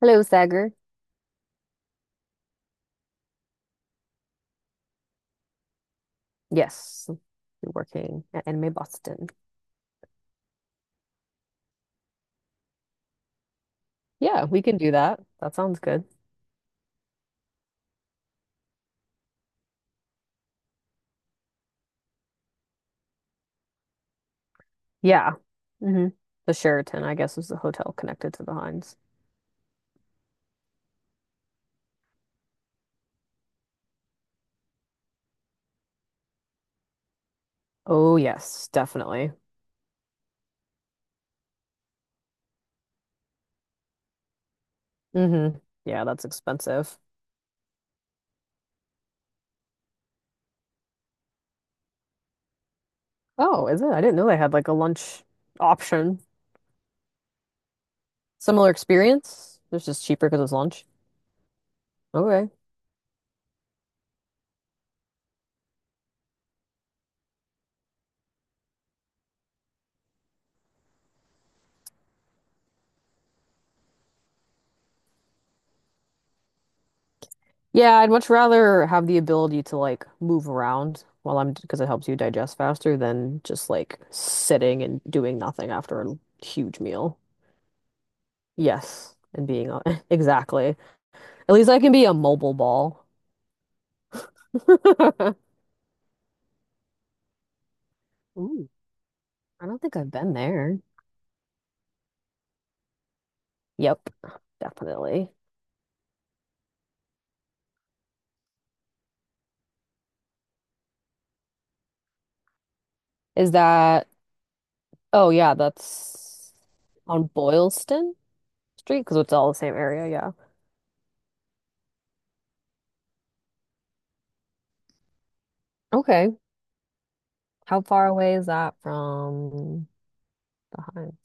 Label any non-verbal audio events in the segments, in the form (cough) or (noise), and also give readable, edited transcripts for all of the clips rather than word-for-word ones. Hello, Sagar. Yes, you're working at Anime Boston. Yeah, we can do that. That sounds good. Yeah. hmm The Sheraton, I guess, is the hotel connected to the Hines. Oh, yes, definitely. Hmm Yeah, that's expensive. Oh, is it? I didn't know they had like a lunch option. Similar experience. It's just cheaper because it's lunch. Okay. Yeah, I'd much rather have the ability to like move around while I'm because it helps you digest faster than just like sitting and doing nothing after a huge meal. Yes, and being a- (laughs) exactly. At least I can be a mobile ball. (laughs) Ooh, I don't think I've been there. Yep, definitely. Is that, oh yeah, that's on Boylston Street because it's all the same area. Yeah. Okay. How far away is that from behind?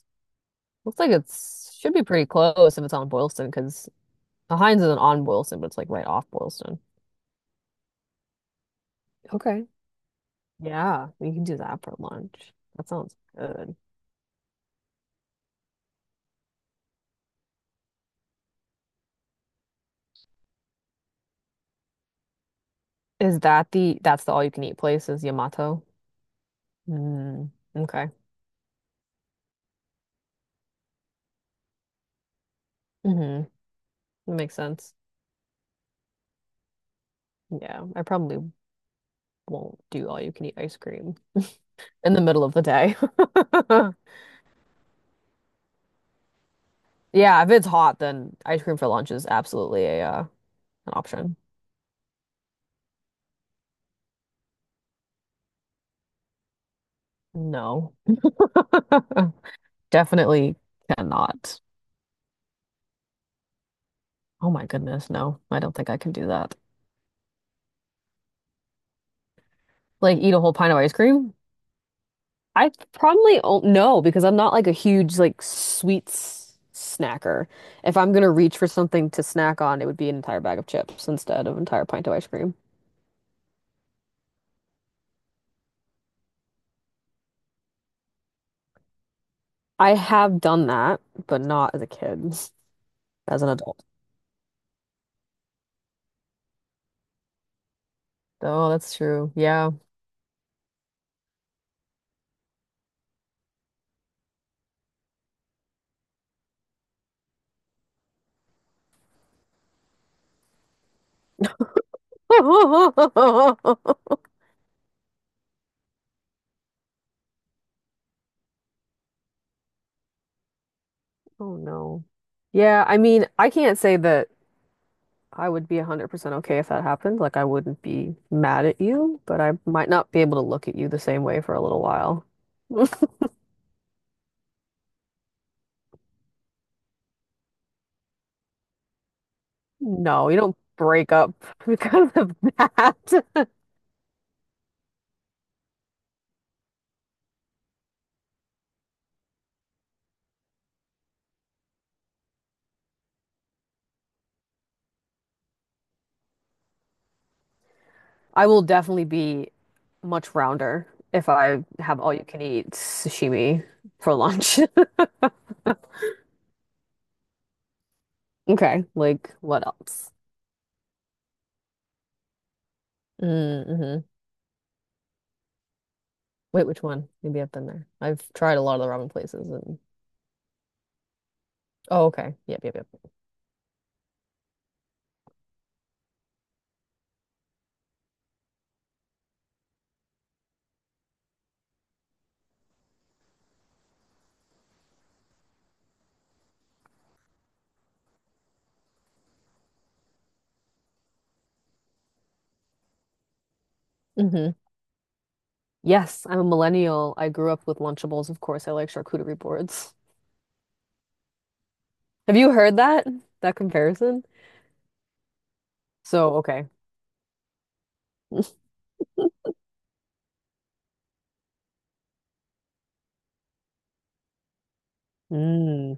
Looks like it's should be pretty close if it's on Boylston, because the Heinz isn't on Boylston, but it's like right off Boylston. Okay. Yeah, we can do that for lunch. That sounds good. Is that the that's the all you can eat place is Yamato? Mm, okay. Mm-hmm. Makes sense. Yeah, I probably won't do all you can eat ice cream in the middle of the day. (laughs) Yeah, if it's hot, then ice cream for lunch is absolutely a an option. No. (laughs) Definitely cannot. Oh my goodness, no. I don't think I can do that. Like eat a whole pint of ice cream? I probably o no, because I'm not like a huge like sweets snacker. If I'm gonna reach for something to snack on, it would be an entire bag of chips instead of an entire pint of ice cream. I have done that, but not as a kid, as an adult. Oh, that's true. Yeah. (laughs) Oh. Oh no. Yeah, I mean, I can't say that. I would be 100% okay if that happened. Like, I wouldn't be mad at you, but I might not be able to look at you the same way for a little while. (laughs) No, you don't break up (laughs) because of that. (laughs) I will definitely be much rounder if I have all you can eat sashimi for lunch. (laughs) Okay, like what else? Mm-hmm. Wait, which one? Maybe I've been there. I've tried a lot of the ramen places and oh, okay. Yep, yep, yep. hmm Yes, I'm a millennial. I grew up with Lunchables, of course. I like charcuterie boards. (laughs) Have you heard that? That comparison? So, okay. (laughs) Mm.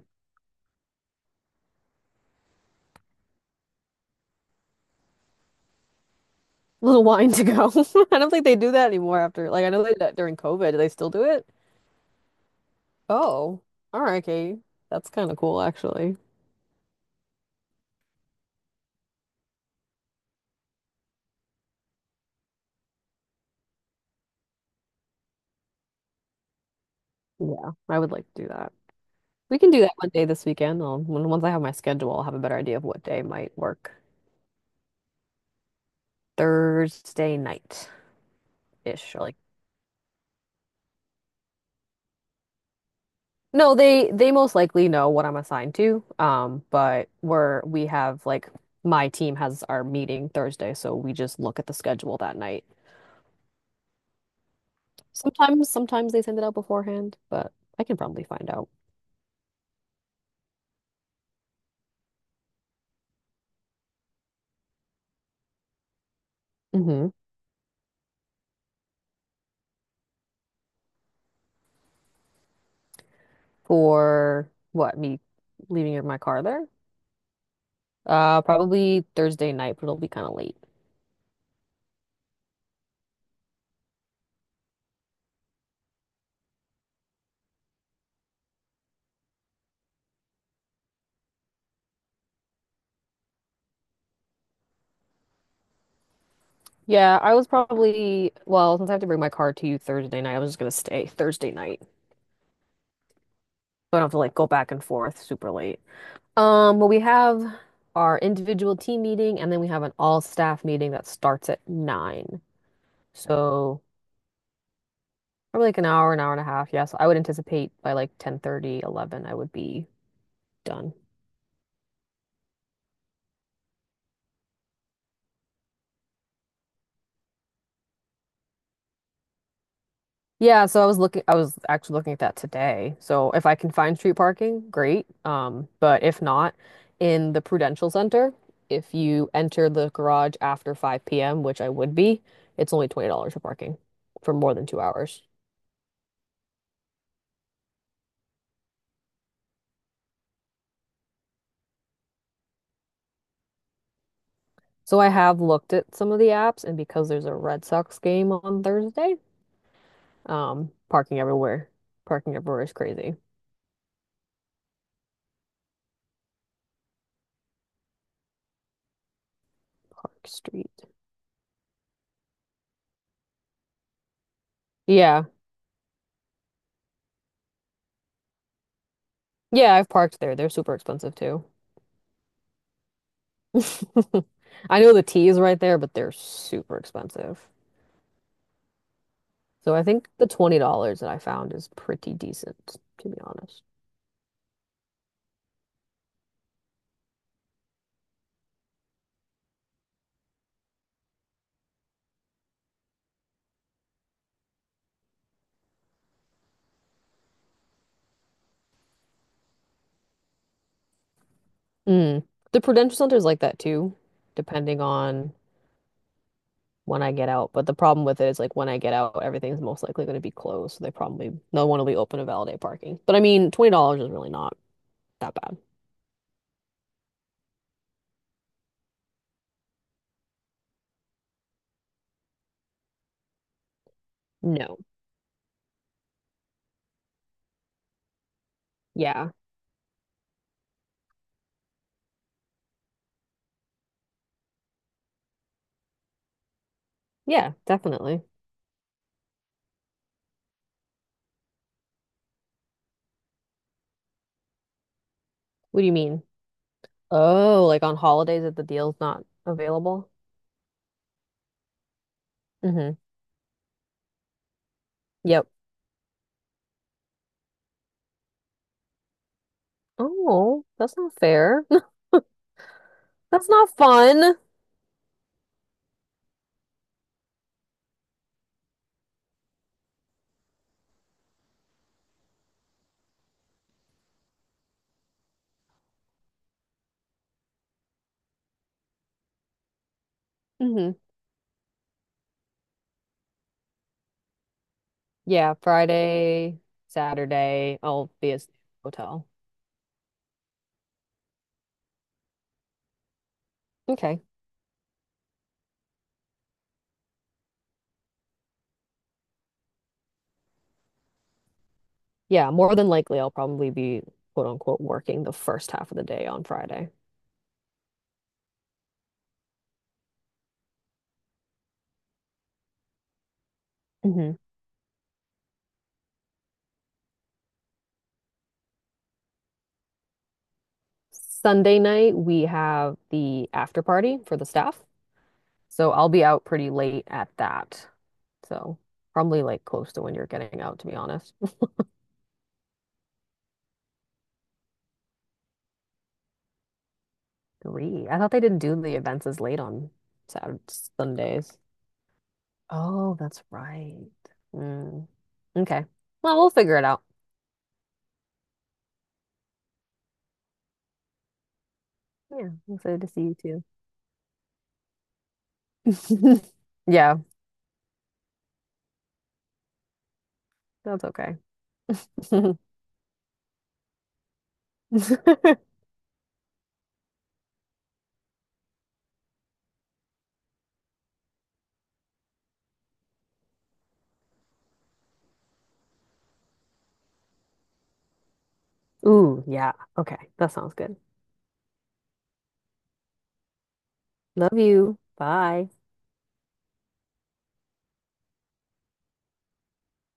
Little wine to go. (laughs) I don't think they do that anymore after, like, I know they did that during COVID. Do they still do it? Oh, all right, Katie. That's kind of cool, actually. Yeah, I would like to do that. We can do that one day this weekend. Once I have my schedule, I'll have a better idea of what day might work. Thursday night ish, or like no, they most likely know what I'm assigned to. But we have like my team has our meeting Thursday, so we just look at the schedule that night. Sometimes they send it out beforehand, but I can probably find out. Hmm For what, me leaving in my car there? Probably Thursday night, but it'll be kind of late. Yeah, I was probably, well, since I have to bring my car to you Thursday night, I was just gonna stay Thursday night. So I don't have to like go back and forth super late. Well, we have our individual team meeting, and then we have an all staff meeting that starts at 9. So probably like an hour and a half. Yeah, so I would anticipate by like 10:30, 11, I would be done. Yeah, so I was actually looking at that today. So if I can find street parking, great. But if not, in the Prudential Center, if you enter the garage after 5 p.m., which I would be, it's only $20 for parking for more than 2 hours. So I have looked at some of the apps, and because there's a Red Sox game on Thursday, parking everywhere. Parking everywhere is crazy. Park Street. Yeah. Yeah, I've parked there. They're super expensive too. (laughs) I know the T is right there, but they're super expensive. So I think the $20 that I found is pretty decent, to be honest. Mm. The Prudential Center is like that too, depending on when I get out. But the problem with it is like when I get out, everything's most likely going to be closed. So they probably no one will be open to validate parking. But I mean, $20 is really not that bad. No. Yeah. Yeah, definitely. What do you mean? Oh, like on holidays that the deal's not available? Mm-hmm. Yep. Oh, that's not fair. (laughs) That's not fun. Hmm Yeah, Friday, Saturday, I'll be at the hotel. Okay. Yeah, more than likely I'll probably be quote unquote working the first half of the day on Friday. Mhm. Sunday night, we have the after party for the staff. So I'll be out pretty late at that. So probably like close to when you're getting out, to be honest. Three. I thought they didn't do the events as late on Saturday, Sundays. Oh, that's right. Mm. Okay. Well, we'll figure it out. Yeah, I'm excited to see you too. (laughs) Yeah, that's okay. (laughs) Ooh, yeah. Okay, that sounds good. Love you. Bye.